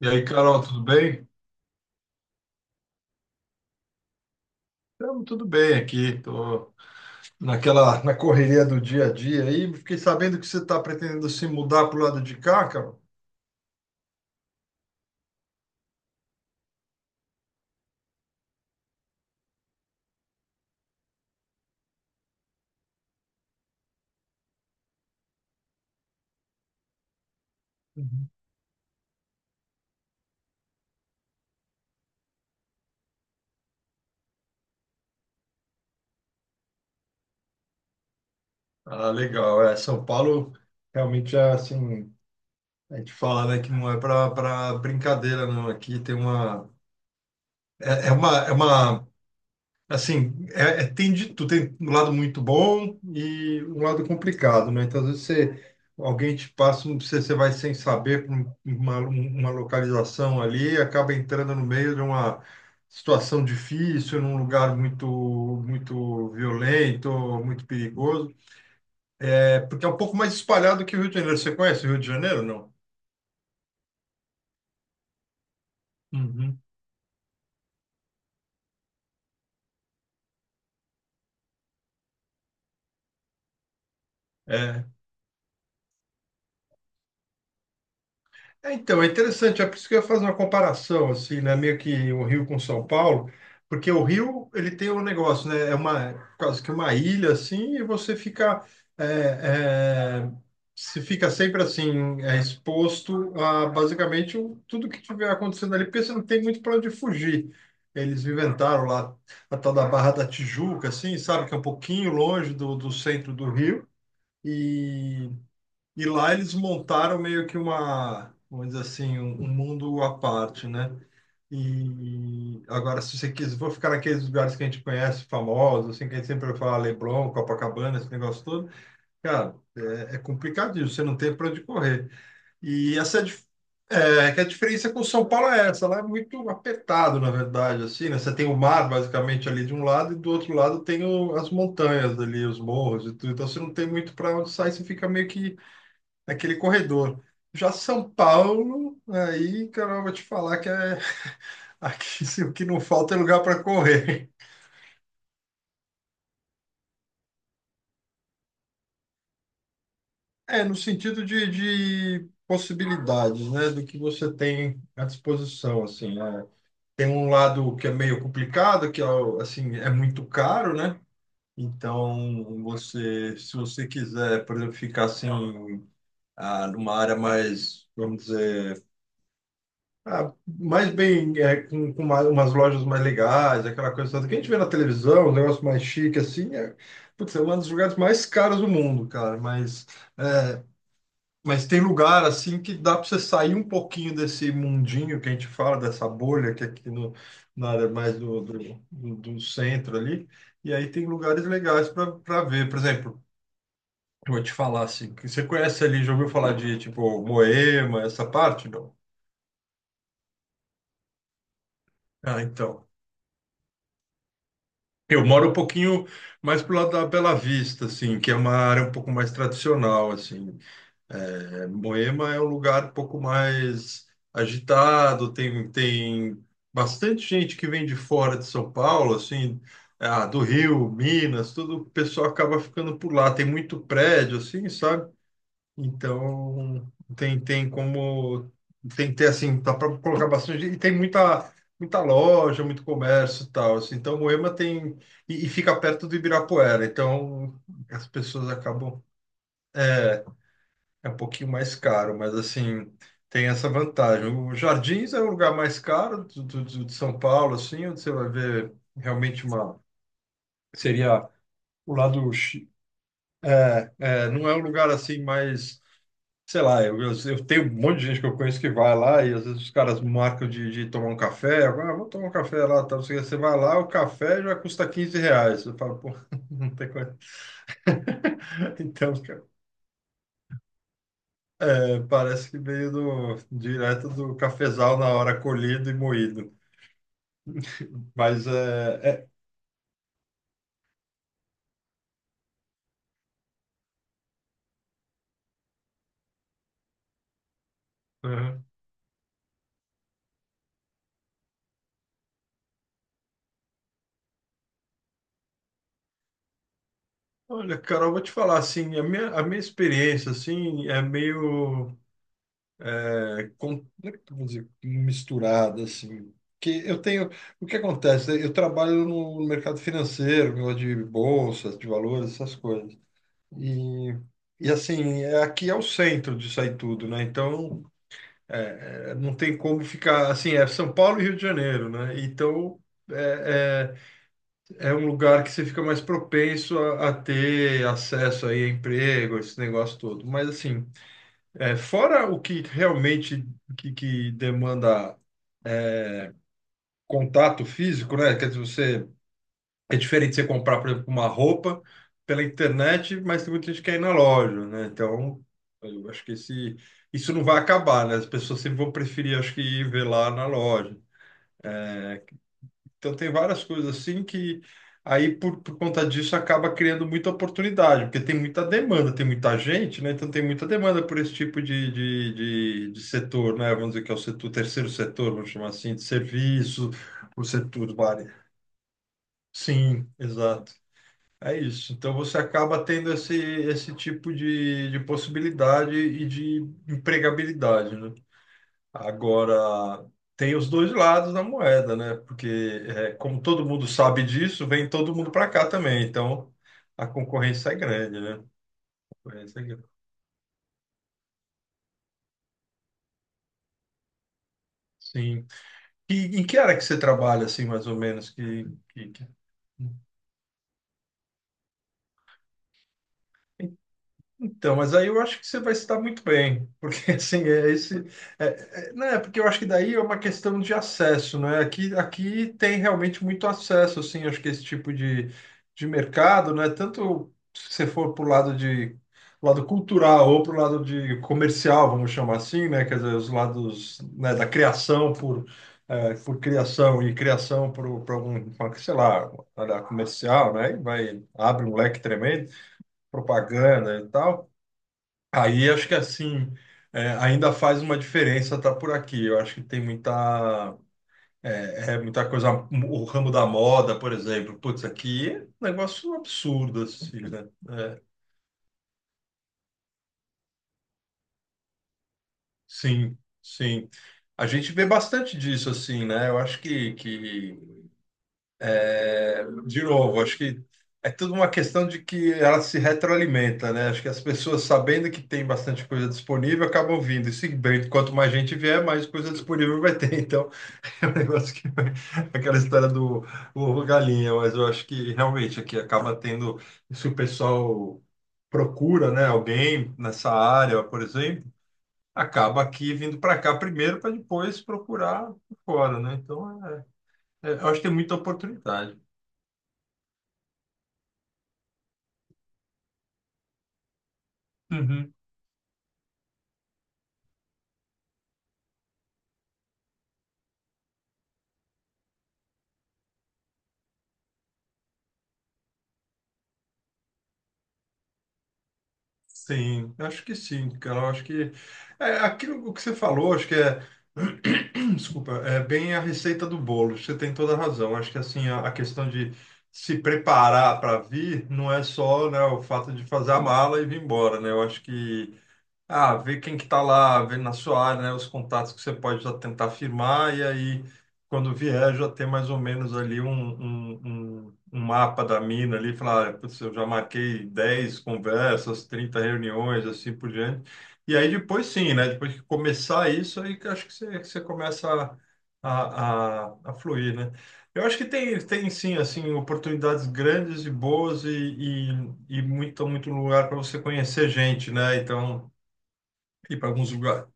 E aí, Carol, tudo bem? Tamo tudo bem aqui. Tô naquela na correria do dia a dia aí. Fiquei sabendo que você está pretendendo se mudar pro lado de cá, Carol. Uhum. Ah, legal. É, São Paulo realmente é assim. A gente fala, né, que não é para brincadeira, não. Aqui tem uma é uma assim, tem de tudo, tem um lado muito bom e um lado complicado, né? Então, às vezes você, alguém te passa, você, você vai sem saber pra uma localização ali, e acaba entrando no meio de uma situação difícil, num lugar muito, muito violento, muito perigoso. É porque é um pouco mais espalhado que o Rio de Janeiro. Você conhece o Rio de Janeiro, não? Uhum. É, então, é interessante, é por isso que eu ia fazer uma comparação, assim, né? Meio que o Rio com São Paulo, porque o Rio, ele tem um negócio, né? É uma, quase que uma ilha, assim, e você fica, é, é, se fica sempre, assim, exposto a, basicamente, tudo que tiver acontecendo ali, porque você não tem muito para onde fugir. Eles inventaram lá a tal da Barra da Tijuca, assim, sabe? Que é um pouquinho longe do, do centro do Rio, E e lá eles montaram meio que uma, vamos dizer assim, um mundo à parte, né? E agora, se você quiser, vou ficar naqueles lugares que a gente conhece, famosos, assim, que a gente sempre fala Leblon, Copacabana, esse negócio todo. Cara, é complicadinho, você não tem para onde correr. E essa é, a dif- é é que a diferença com São Paulo é essa, lá é muito apertado, na verdade, assim, né? Você tem o mar, basicamente, ali de um lado, e do outro lado tem o- as montanhas ali, os morros e tudo. Então, você não tem muito para onde sair, você fica meio que naquele corredor. Já São Paulo, aí, cara, eu vou te falar que é aqui se o que não falta é lugar para correr. É, no sentido de possibilidades, né, do que você tem à disposição, assim, né? Tem um lado que é meio complicado, que é, assim, é muito caro, né? Então, você, se você quiser, por exemplo, ficar assim, numa área mais, vamos dizer, ah, mais bem é, com umas lojas mais legais, aquela coisa toda que a gente vê na televisão, um negócio mais chique assim, é, putz, é um dos lugares mais caros do mundo, cara. Mas tem lugar assim que dá para você sair um pouquinho desse mundinho que a gente fala, dessa bolha que é aqui no, na área mais do centro ali. E aí tem lugares legais para ver. Por exemplo, eu vou te falar assim, que você conhece ali, já ouviu falar de tipo Moema, essa parte, não? Ah, então. Eu moro um pouquinho mais pro lado da Bela Vista, assim, que é uma área um pouco mais tradicional, assim. É, Moema é um lugar um pouco mais agitado, tem bastante gente que vem de fora de São Paulo, assim, ah, do Rio, Minas, tudo, o pessoal acaba ficando por lá. Tem muito prédio, assim, sabe? Então, tem como, tem que ter assim, dá para colocar bastante, e tem muita, muita loja, muito comércio e tal, assim. Então, Moema tem, e fica perto do Ibirapuera, então as pessoas acabam, é um pouquinho mais caro, mas assim, tem essa vantagem. O Jardins é o lugar mais caro de São Paulo, assim, onde você vai ver realmente uma, seria o lado, não é um lugar assim mais sei lá, eu tenho um monte de gente que eu conheço que vai lá e às vezes os caras marcam de tomar um café. Ah, vou tomar um café lá, tá? Você, você vai lá, o café já custa R$ 15. Eu falo, pô, não tem coisa. Então, cara, é, parece que veio do, direto do cafezal na hora colhido e moído. Mas uhum. Olha, Carol, vou te falar assim, a minha experiência assim é meio é com, como é que eu vou dizer, misturada, assim. Que eu tenho, o que acontece? Eu trabalho no mercado financeiro, negócio de bolsas, de valores, essas coisas. E, e assim, aqui é o centro disso aí tudo, né? Então, não tem como ficar, assim, é São Paulo e Rio de Janeiro, né? Então, é, é um lugar que você fica mais propenso a ter acesso aí a emprego, esse negócio todo. Mas, assim, é, fora o que realmente que demanda contato físico, né? Quer dizer, você é diferente de você comprar, por exemplo, uma roupa pela internet, mas tem muita gente que quer ir na loja, né? Então, eu acho que esse isso não vai acabar, né? As pessoas sempre vão preferir, acho que ir ver lá na loja. Então, tem várias coisas assim que aí por conta disso acaba criando muita oportunidade, porque tem muita demanda, tem muita gente, né? Então, tem muita demanda por esse tipo de setor, né? Vamos dizer que é o setor, terceiro setor, vamos chamar assim, de serviço, o setor, vari- sim, exato. É isso. Então você acaba tendo esse tipo de possibilidade e de empregabilidade, né? Agora, tem os dois lados da moeda, né? Porque, é, como todo mundo sabe disso, vem todo mundo para cá também. Então, a concorrência é grande, né? A concorrência é grande. Sim. E em que área que você trabalha, assim, mais ou menos? Então, mas aí eu acho que você vai se dar muito bem, porque assim, é esse. É, né, porque eu acho que daí é uma questão de acesso, né? Aqui tem realmente muito acesso, assim, acho que esse tipo de mercado, né? Tanto se você for para o lado de lado cultural ou para o lado de comercial, vamos chamar assim, né? Quer dizer, os lados, né, da criação por, é, por criação e criação por algum, sei lá, área comercial, né? E vai, abre um leque tremendo, propaganda e tal. Aí acho que assim é, ainda faz uma diferença estar por aqui. Eu acho que tem muita é, é muita coisa. O ramo da moda, por exemplo, putz, aqui é um negócio absurdo assim, né? É, sim, sim. A gente vê bastante disso assim, né? Eu acho que é, de novo, acho que é tudo uma questão de que ela se retroalimenta, né? Acho que as pessoas, sabendo que tem bastante coisa disponível, acabam vindo. E se bem, quanto mais gente vier, mais coisa disponível vai ter. É um negócio que vai- aquela história do ovo galinha, mas eu acho que realmente aqui acaba tendo, se o pessoal procura, né, alguém nessa área, por exemplo, acaba aqui vindo para cá primeiro para depois procurar fora, né? Então, eu acho que tem muita oportunidade. Uhum. Sim, eu acho que sim, cara. Eu acho que é, aquilo que você falou, acho que é, desculpa, é bem a receita do bolo. Você tem toda a razão. Acho que assim a questão de se preparar para vir não é só, né, o fato de fazer a mala e vir embora, né? Eu acho que ah, ver quem que está lá, ver na sua área, né, os contatos que você pode já tentar firmar, e aí, quando vier, já ter mais ou menos ali um mapa da mina ali, falar, ah, putz, eu já marquei 10 conversas, 30 reuniões, assim por diante. E aí depois sim, né, depois que começar isso, aí que eu acho que você começa a fluir, né? Eu acho que tem, tem sim, assim, oportunidades grandes e boas e muito, muito lugar para você conhecer gente, né? Então ir para alguns lugares.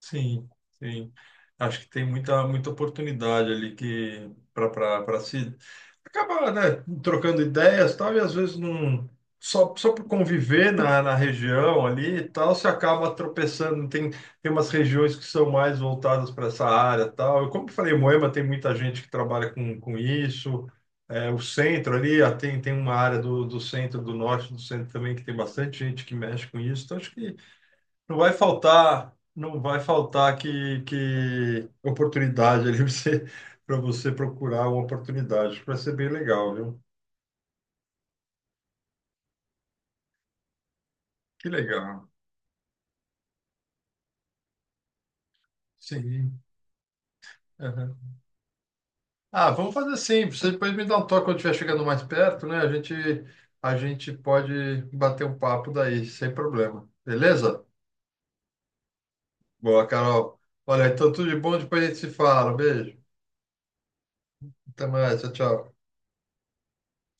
Sim, sim. Acho que tem muita, muita oportunidade ali que para se acaba, né, trocando ideias, e tal, e às vezes não só por conviver na, na região ali e tal, você acaba tropeçando. Tem umas regiões que são mais voltadas para essa área, e tal. Eu, como eu falei, Moema tem muita gente que trabalha com isso. É, o centro ali, ah, tem, tem uma área do, do centro, do norte, do centro também, que tem bastante gente que mexe com isso. Então, acho que não vai faltar, não vai faltar que oportunidade ali para você procurar uma oportunidade. Vai ser bem legal, viu? Que legal. Sim. Aham. Ah, vamos fazer assim. Você depois me dá um toque quando estiver chegando mais perto, né? A gente pode bater um papo daí, sem problema. Beleza? Boa, Carol. Olha, então tudo de bom, depois a gente se fala. Beijo. Até mais. Tchau, tchau.